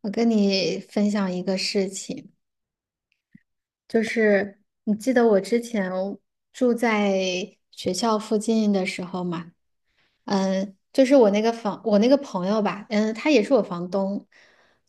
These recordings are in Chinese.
我跟你分享一个事情，就是你记得我之前住在学校附近的时候吗？就是我那个朋友吧，他也是我房东。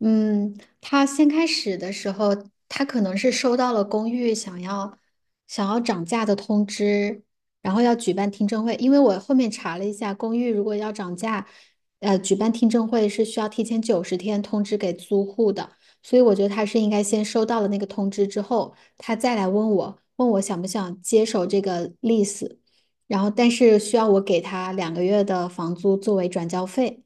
他先开始的时候，他可能是收到了公寓想要涨价的通知，然后要举办听证会。因为我后面查了一下，公寓如果要涨价，举办听证会是需要提前九十天通知给租户的，所以我觉得他是应该先收到了那个通知之后，他再来问我，问我想不想接手这个 lease。然后但是需要我给他两个月的房租作为转交费，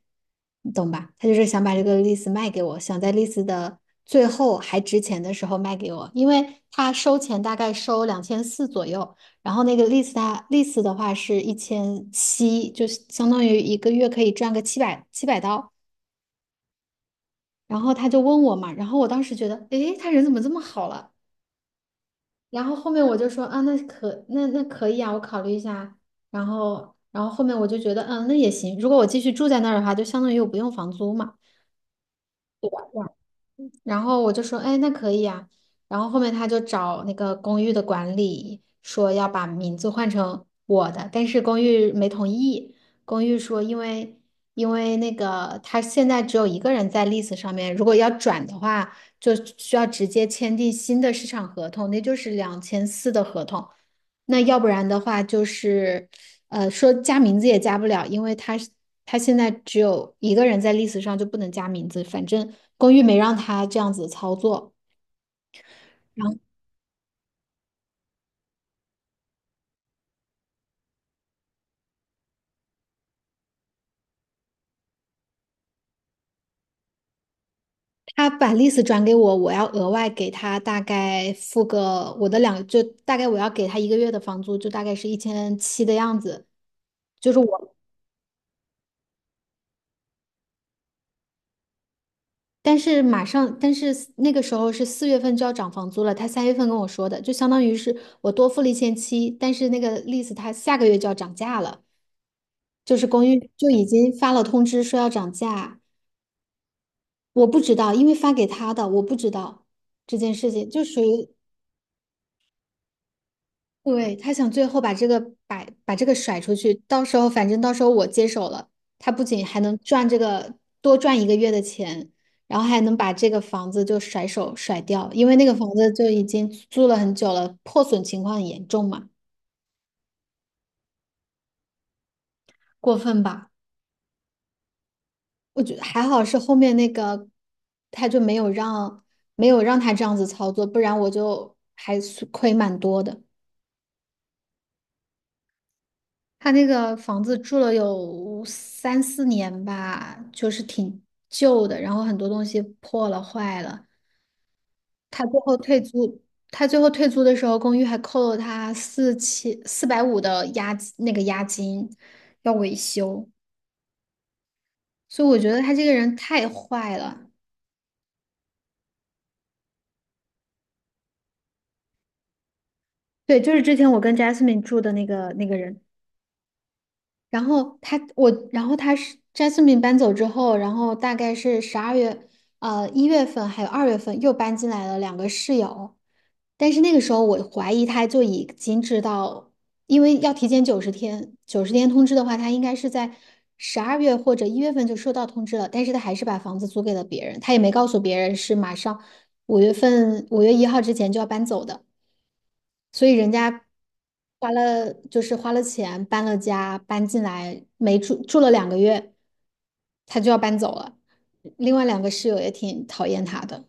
你懂吧？他就是想把这个 lease 卖给我，想在 lease 的最后还值钱的时候卖给我。因为他收钱大概收两千四左右，然后那个 lease 他 lease 的话是1700，就相当于一个月可以赚个七百刀。然后他就问我嘛，然后我当时觉得，诶，他人怎么这么好了？然后后面我就说啊，那可以啊，我考虑一下。然后后面我就觉得，那也行。如果我继续住在那儿的话，就相当于我不用房租嘛。然后我就说，哎，那可以啊。然后后面他就找那个公寓的管理说要把名字换成我的，但是公寓没同意。公寓说，因为那个他现在只有一个人在 l e s e 上面，如果要转的话，就需要直接签订新的市场合同，那就是两千四的合同。那要不然的话，就是说加名字也加不了，因为他现在只有一个人在 list 上就不能加名字，反正公寓没让他这样子操作。然后他把 list 转给我，我要额外给他大概付个我的两，就大概我要给他一个月的房租，就大概是一千七的样子。就是我，但是马上，但是那个时候是四月份就要涨房租了，他三月份跟我说的，就相当于是我多付了一千七，但是那个 list 他下个月就要涨价了。就是公寓就已经发了通知说要涨价，我不知道，因为发给他的，我不知道这件事情，就属于对他想最后把这个把这个甩出去。到时候反正到时候我接手了，他不仅还能赚这个多赚一个月的钱，然后还能把这个房子就甩手甩掉，因为那个房子就已经租了很久了，破损情况很严重嘛。过分吧？我觉得还好是后面那个，他就没有让他这样子操作，不然我就还是亏蛮多的。他那个房子住了有三四年吧，就是挺旧的，然后很多东西破了坏了。他最后退租，他最后退租的时候，公寓还扣了他4450的押金要维修。所以我觉得他这个人太坏了。对，就是之前我跟 Jasmine 住的那个人。然后他我，然后他是 Jasmine 搬走之后，然后大概是十二月，一月份还有二月份又搬进来了两个室友。但是那个时候我怀疑他就已经知道，因为要提前九十天通知的话，他应该是在十二月或者一月份就收到通知了，但是他还是把房子租给了别人，他也没告诉别人是马上五月份五月一号之前就要搬走的。所以人家花了花了钱搬了家，搬进来没住住了两个月，他就要搬走了。另外两个室友也挺讨厌他的。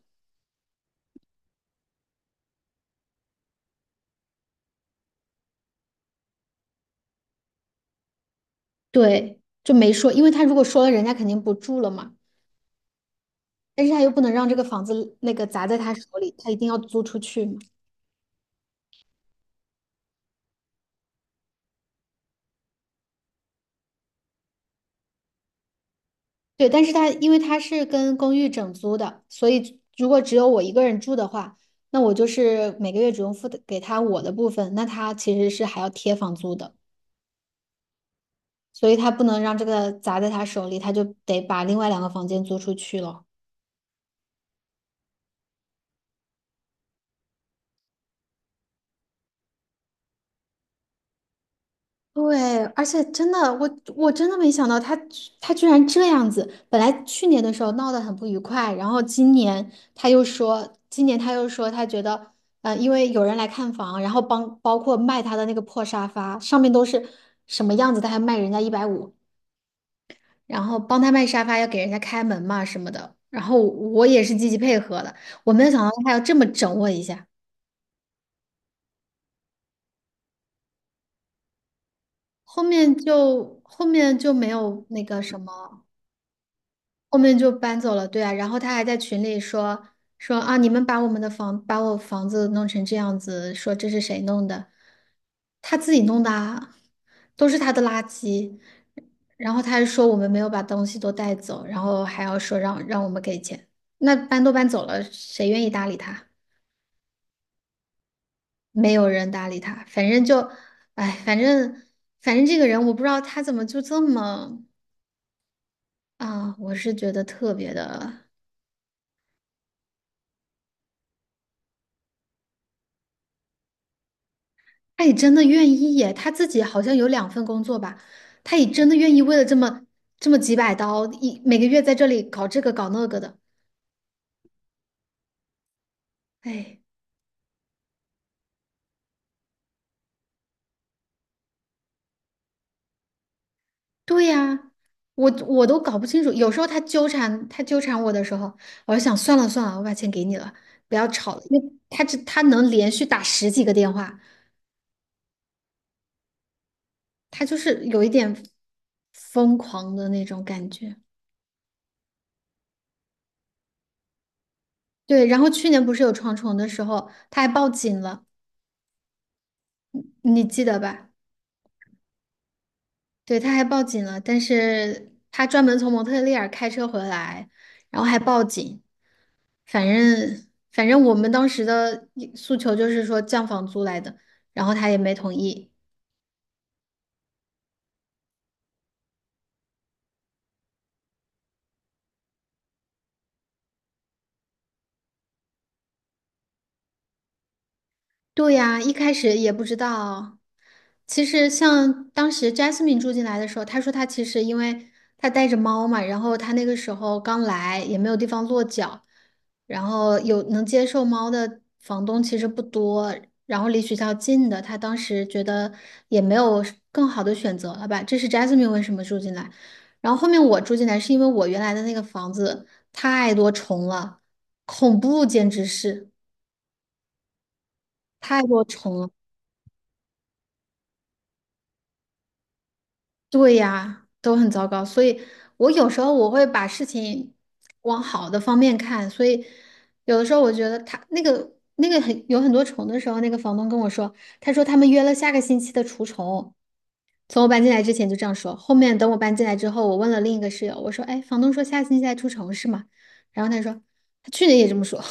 对，就没说，因为他如果说了，人家肯定不住了嘛。但是他又不能让这个房子那个砸在他手里，他一定要租出去嘛。对，但是他因为他是跟公寓整租的，所以如果只有我一个人住的话，那我就是每个月只用付的给他我的部分，那他其实是还要贴房租的。所以他不能让这个砸在他手里，他就得把另外两个房间租出去了。对，而且真的，我真的没想到他居然这样子。本来去年的时候闹得很不愉快，然后今年他又说，他觉得，因为有人来看房，然后帮包括卖他的那个破沙发，上面都是什么样子，他还卖人家150，然后帮他卖沙发要给人家开门嘛什么的。然后我也是积极配合的，我没有想到他要这么整我一下。后面就没有那个什么，后面就搬走了。对啊，然后他还在群里说啊，你们把我房子弄成这样子，说这是谁弄的？他自己弄的啊，都是他的垃圾。然后他还说我们没有把东西都带走，然后还要说让我们给钱。那搬都搬走了，谁愿意搭理他？没有人搭理他，反正就，哎，反正这个人我不知道他怎么就这么。啊，我是觉得特别的，他也真的愿意耶！他自己好像有两份工作吧，他也真的愿意为了这么几百刀，一每个月在这里搞这个搞那个的。哎，对呀，我我都搞不清楚。有时候他纠缠我的时候，我就想算了算了，我把钱给你了，不要吵了。因为他这他能连续打十几个电话，他就是有一点疯狂的那种感觉。对，然后去年不是有床虫的时候，他还报警了。你记得吧？对，他还报警了。但是他专门从蒙特利尔开车回来，然后还报警。反正反正我们当时的诉求就是说降房租来的，然后他也没同意。对呀，一开始也不知道。其实像当时 Jasmine 住进来的时候，她说她其实因为她带着猫嘛，然后她那个时候刚来，也没有地方落脚，然后有能接受猫的房东其实不多，然后离学校近的，她当时觉得也没有更好的选择了吧。这是 Jasmine 为什么住进来。然后后面我住进来是因为我原来的那个房子太多虫了，恐怖简直是太多虫了。对呀，都很糟糕，所以我有时候我会把事情往好的方面看，所以有的时候我觉得他那个很多虫的时候，那个房东跟我说，他说他们约了下个星期的除虫，从我搬进来之前就这样说，后面等我搬进来之后，我问了另一个室友，我说，哎，房东说下星期来除虫是吗？然后他说他去年也这么说。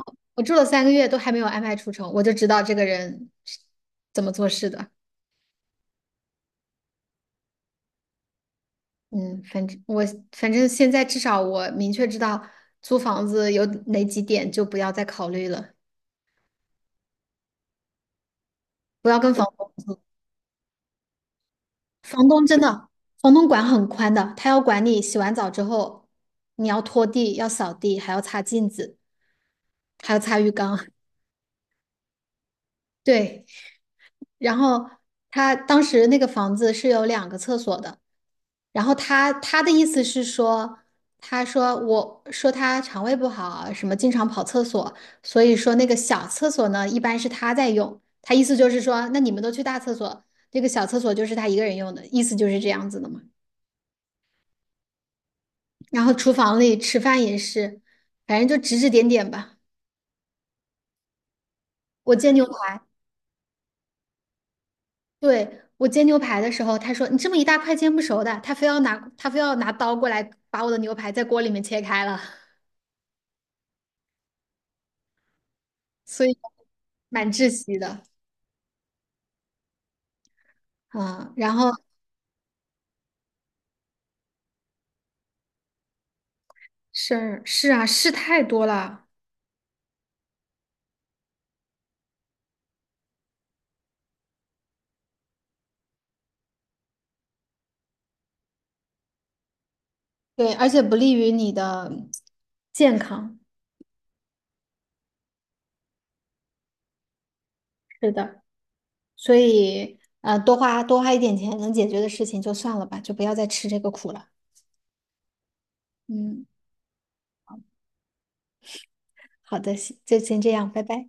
我住了三个月都还没有安排除虫，我就知道这个人是怎么做事的。嗯，反正我反正现在至少我明确知道租房子有哪几点，就不要再考虑了，不要跟房东。房东真的，房东管很宽的，他要管你洗完澡之后，你要拖地，要扫地，还要擦镜子，还要擦浴缸。对，然后他当时那个房子是有两个厕所的。然后他的意思是说，他说我说他肠胃不好，什么经常跑厕所，所以说那个小厕所呢，一般是他在用。他意思就是说，那你们都去大厕所，这个小厕所就是他一个人用的，意思就是这样子的嘛。然后厨房里吃饭也是，反正就指指点点吧。我煎牛排，对，我煎牛排的时候，他说你这么一大块煎不熟的，他非要拿刀过来把我的牛排在锅里面切开了，所以蛮窒息的。嗯，然后。是是啊，事太多了。对，而且不利于你的健康。是的，所以呃，多花一点钱能解决的事情就算了吧，就不要再吃这个苦了。嗯，好的，行就先这样，拜拜。